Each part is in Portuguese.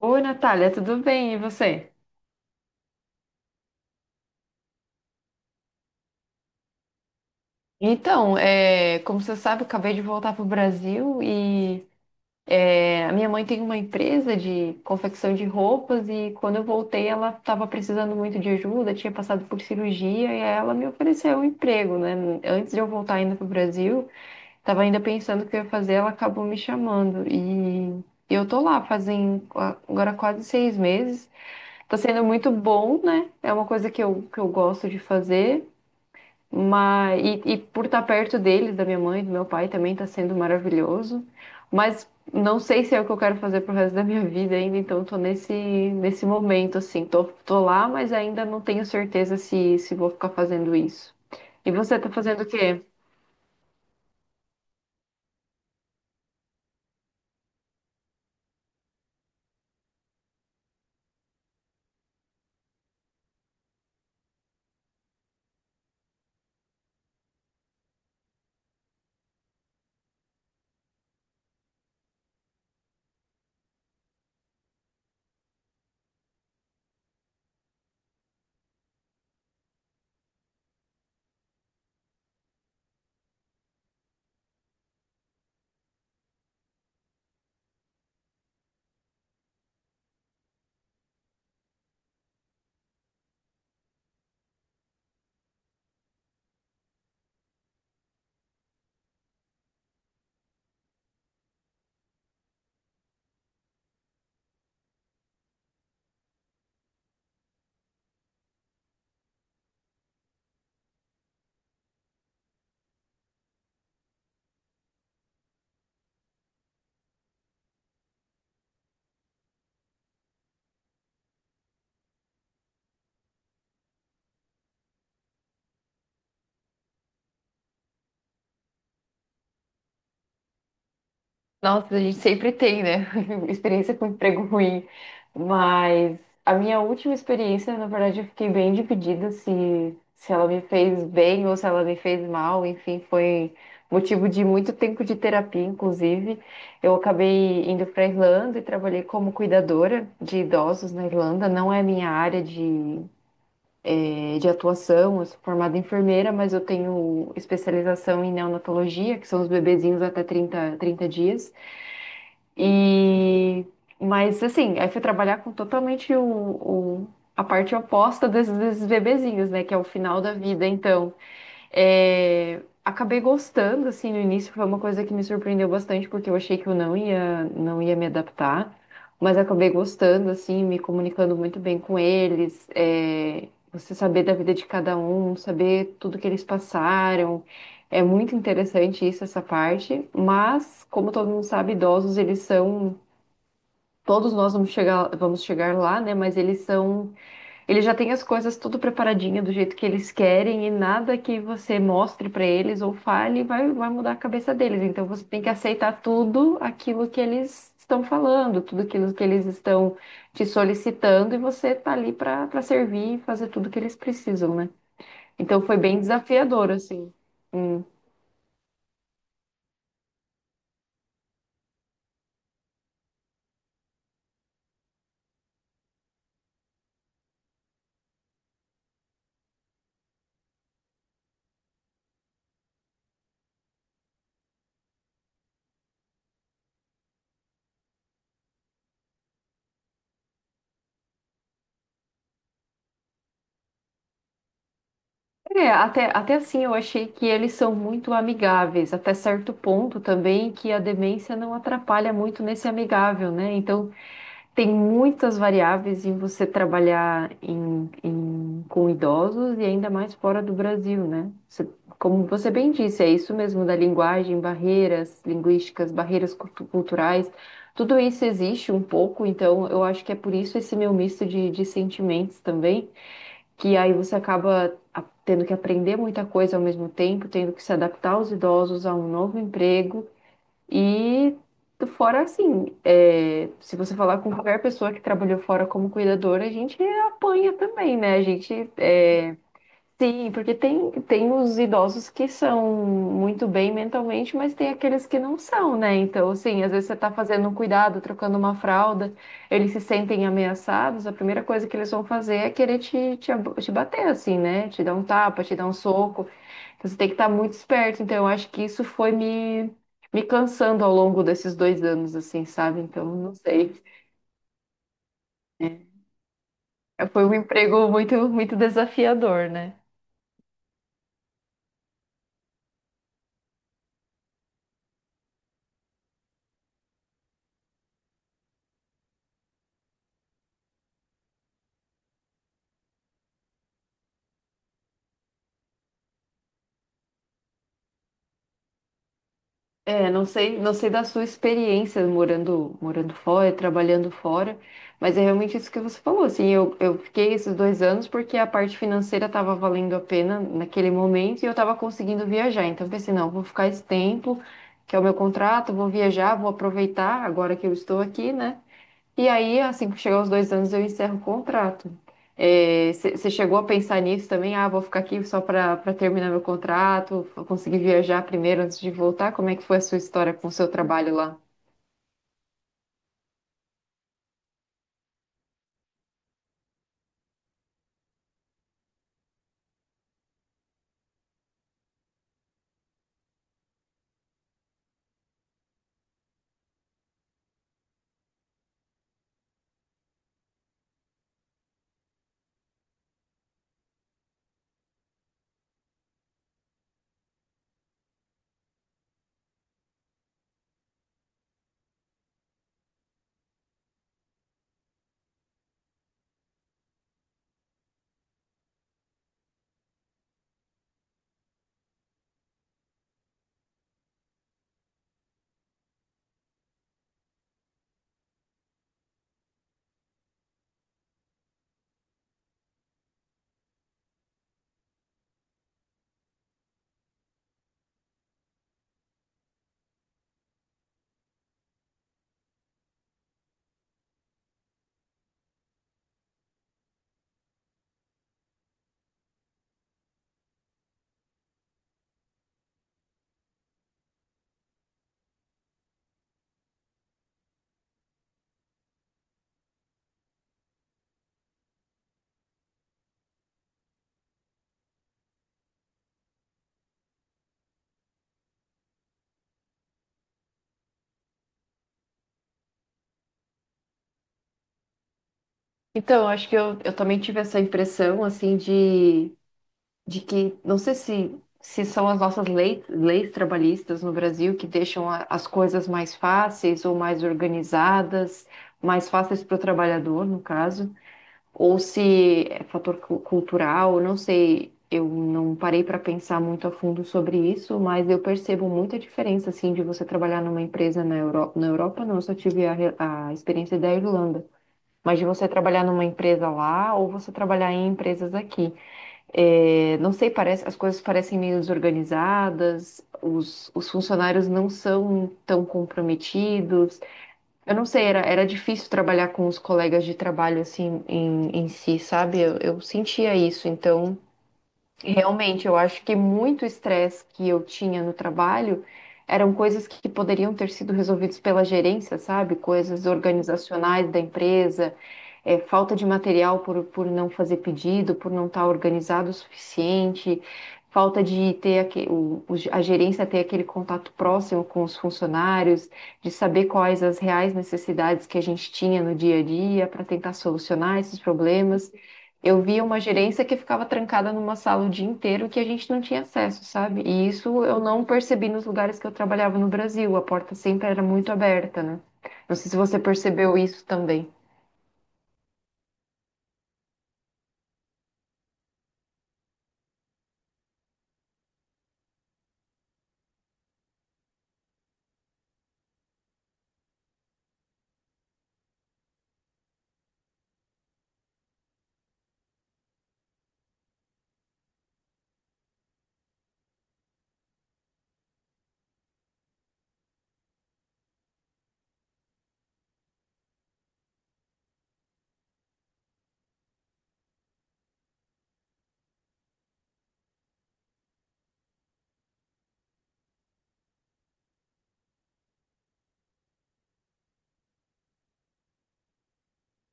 Oi, Natália, tudo bem? E você? Então, é, como você sabe, eu acabei de voltar para o Brasil e é, a minha mãe tem uma empresa de confecção de roupas e quando eu voltei ela estava precisando muito de ajuda, tinha passado por cirurgia e aí ela me ofereceu um emprego, né? Antes de eu voltar ainda para o Brasil, estava ainda pensando o que eu ia fazer, ela acabou me chamando e eu tô lá fazem agora quase 6 meses. Tá sendo muito bom, né? É uma coisa que eu gosto de fazer. Mas, e por estar perto deles, da minha mãe, do meu pai, também está sendo maravilhoso. Mas não sei se é o que eu quero fazer pro resto da minha vida ainda, então tô nesse momento, assim. Tô lá, mas ainda não tenho certeza se vou ficar fazendo isso. E você tá fazendo o quê? Nossa, a gente sempre tem, né? Experiência com emprego ruim. Mas a minha última experiência, na verdade, eu fiquei bem dividida se ela me fez bem ou se ela me fez mal. Enfim, foi motivo de muito tempo de terapia, inclusive. Eu acabei indo para a Irlanda e trabalhei como cuidadora de idosos na Irlanda. Não é minha área de atuação, eu sou formada em enfermeira, mas eu tenho especialização em neonatologia, que são os bebezinhos até trinta dias. E mas assim, aí fui trabalhar com totalmente a parte oposta desses bebezinhos, né? Que é o final da vida, então. É, acabei gostando, assim, no início foi uma coisa que me surpreendeu bastante, porque eu achei que eu não ia me adaptar, mas acabei gostando, assim, me comunicando muito bem com eles, é, você saber da vida de cada um, saber tudo que eles passaram, é muito interessante isso, essa parte, mas, como todo mundo sabe, idosos, eles são, todos nós vamos chegar lá, né, mas eles são ele já tem as coisas tudo preparadinha do jeito que eles querem e nada que você mostre pra eles ou fale vai mudar a cabeça deles. Então você tem que aceitar tudo aquilo que eles estão falando, tudo aquilo que eles estão te solicitando e você tá ali pra para servir e fazer tudo que eles precisam, né? Então foi bem desafiador, assim. Hum. É, até assim eu achei que eles são muito amigáveis, até certo ponto também que a demência não atrapalha muito nesse amigável, né? Então tem muitas variáveis em você trabalhar com idosos e ainda mais fora do Brasil, né? Você, como você bem disse, é isso mesmo da linguagem, barreiras linguísticas, barreiras culturais, tudo isso existe um pouco, então eu acho que é por isso esse meu misto de sentimentos também, que aí você acaba a- tendo que aprender muita coisa ao mesmo tempo, tendo que se adaptar aos idosos a um novo emprego e fora assim, é, se você falar com qualquer pessoa que trabalhou fora como cuidadora, a gente apanha também, né? A gente é, sim, porque tem, tem os idosos que são muito bem mentalmente, mas tem aqueles que não são, né? Então, assim, às vezes você está fazendo um cuidado, trocando uma fralda, eles se sentem ameaçados, a primeira coisa que eles vão fazer é querer te bater, assim, né? Te dar um tapa, te dar um soco. Então, você tem que estar muito esperto. Então, eu acho que isso foi me cansando ao longo desses 2 anos, assim, sabe? Então, não sei. É, foi um emprego muito, muito desafiador, né? É, não sei, não sei da sua experiência morando fora, trabalhando fora, mas é realmente isso que você falou, assim, eu fiquei esses 2 anos porque a parte financeira estava valendo a pena naquele momento e eu estava conseguindo viajar, então eu pensei, não, vou ficar esse tempo, que é o meu contrato, vou viajar, vou aproveitar agora que eu estou aqui, né? E aí, assim que chegar os 2 anos, eu encerro o contrato. Você chegou a pensar nisso também? Ah, vou ficar aqui só para terminar meu contrato, vou conseguir viajar primeiro antes de voltar? Como é que foi a sua história com o seu trabalho lá? Então, acho que eu também tive essa impressão, assim, de que, não sei se são as nossas leis, leis trabalhistas no Brasil que deixam as coisas mais fáceis ou mais organizadas, mais fáceis para o trabalhador, no caso, ou se é fator cultural, não sei. Eu não parei para pensar muito a fundo sobre isso, mas eu percebo muita diferença assim de você trabalhar numa empresa na Europa não, eu só tive a experiência da Irlanda, mas de você trabalhar numa empresa lá ou você trabalhar em empresas aqui. É, não sei, parece, as coisas parecem meio desorganizadas, os funcionários não são tão comprometidos. Eu não sei, era difícil trabalhar com os colegas de trabalho assim em si, sabe? Eu sentia isso. Então, realmente, eu acho que muito estresse que eu tinha no trabalho eram coisas que poderiam ter sido resolvidas pela gerência, sabe? Coisas organizacionais da empresa, é, falta de material por não fazer pedido, por não estar organizado o suficiente, falta de ter a gerência ter aquele contato próximo com os funcionários, de saber quais as reais necessidades que a gente tinha no dia a dia para tentar solucionar esses problemas. Eu via uma gerência que ficava trancada numa sala o dia inteiro que a gente não tinha acesso, sabe? E isso eu não percebi nos lugares que eu trabalhava no Brasil. A porta sempre era muito aberta, né? Não sei se você percebeu isso também.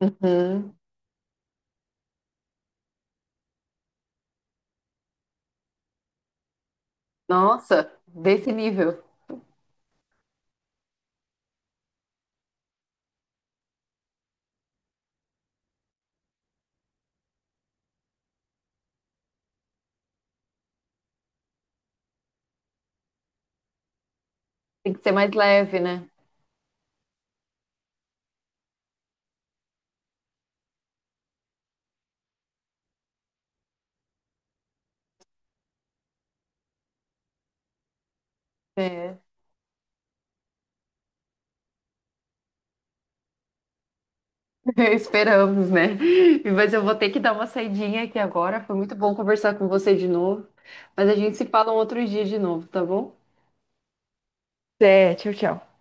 Uhum. Nossa, desse nível. Tem que ser mais leve, né? É. Esperamos, né? Mas eu vou ter que dar uma saidinha aqui agora. Foi muito bom conversar com você de novo. Mas a gente se fala um outro dia de novo, tá bom? É, tchau, tchau.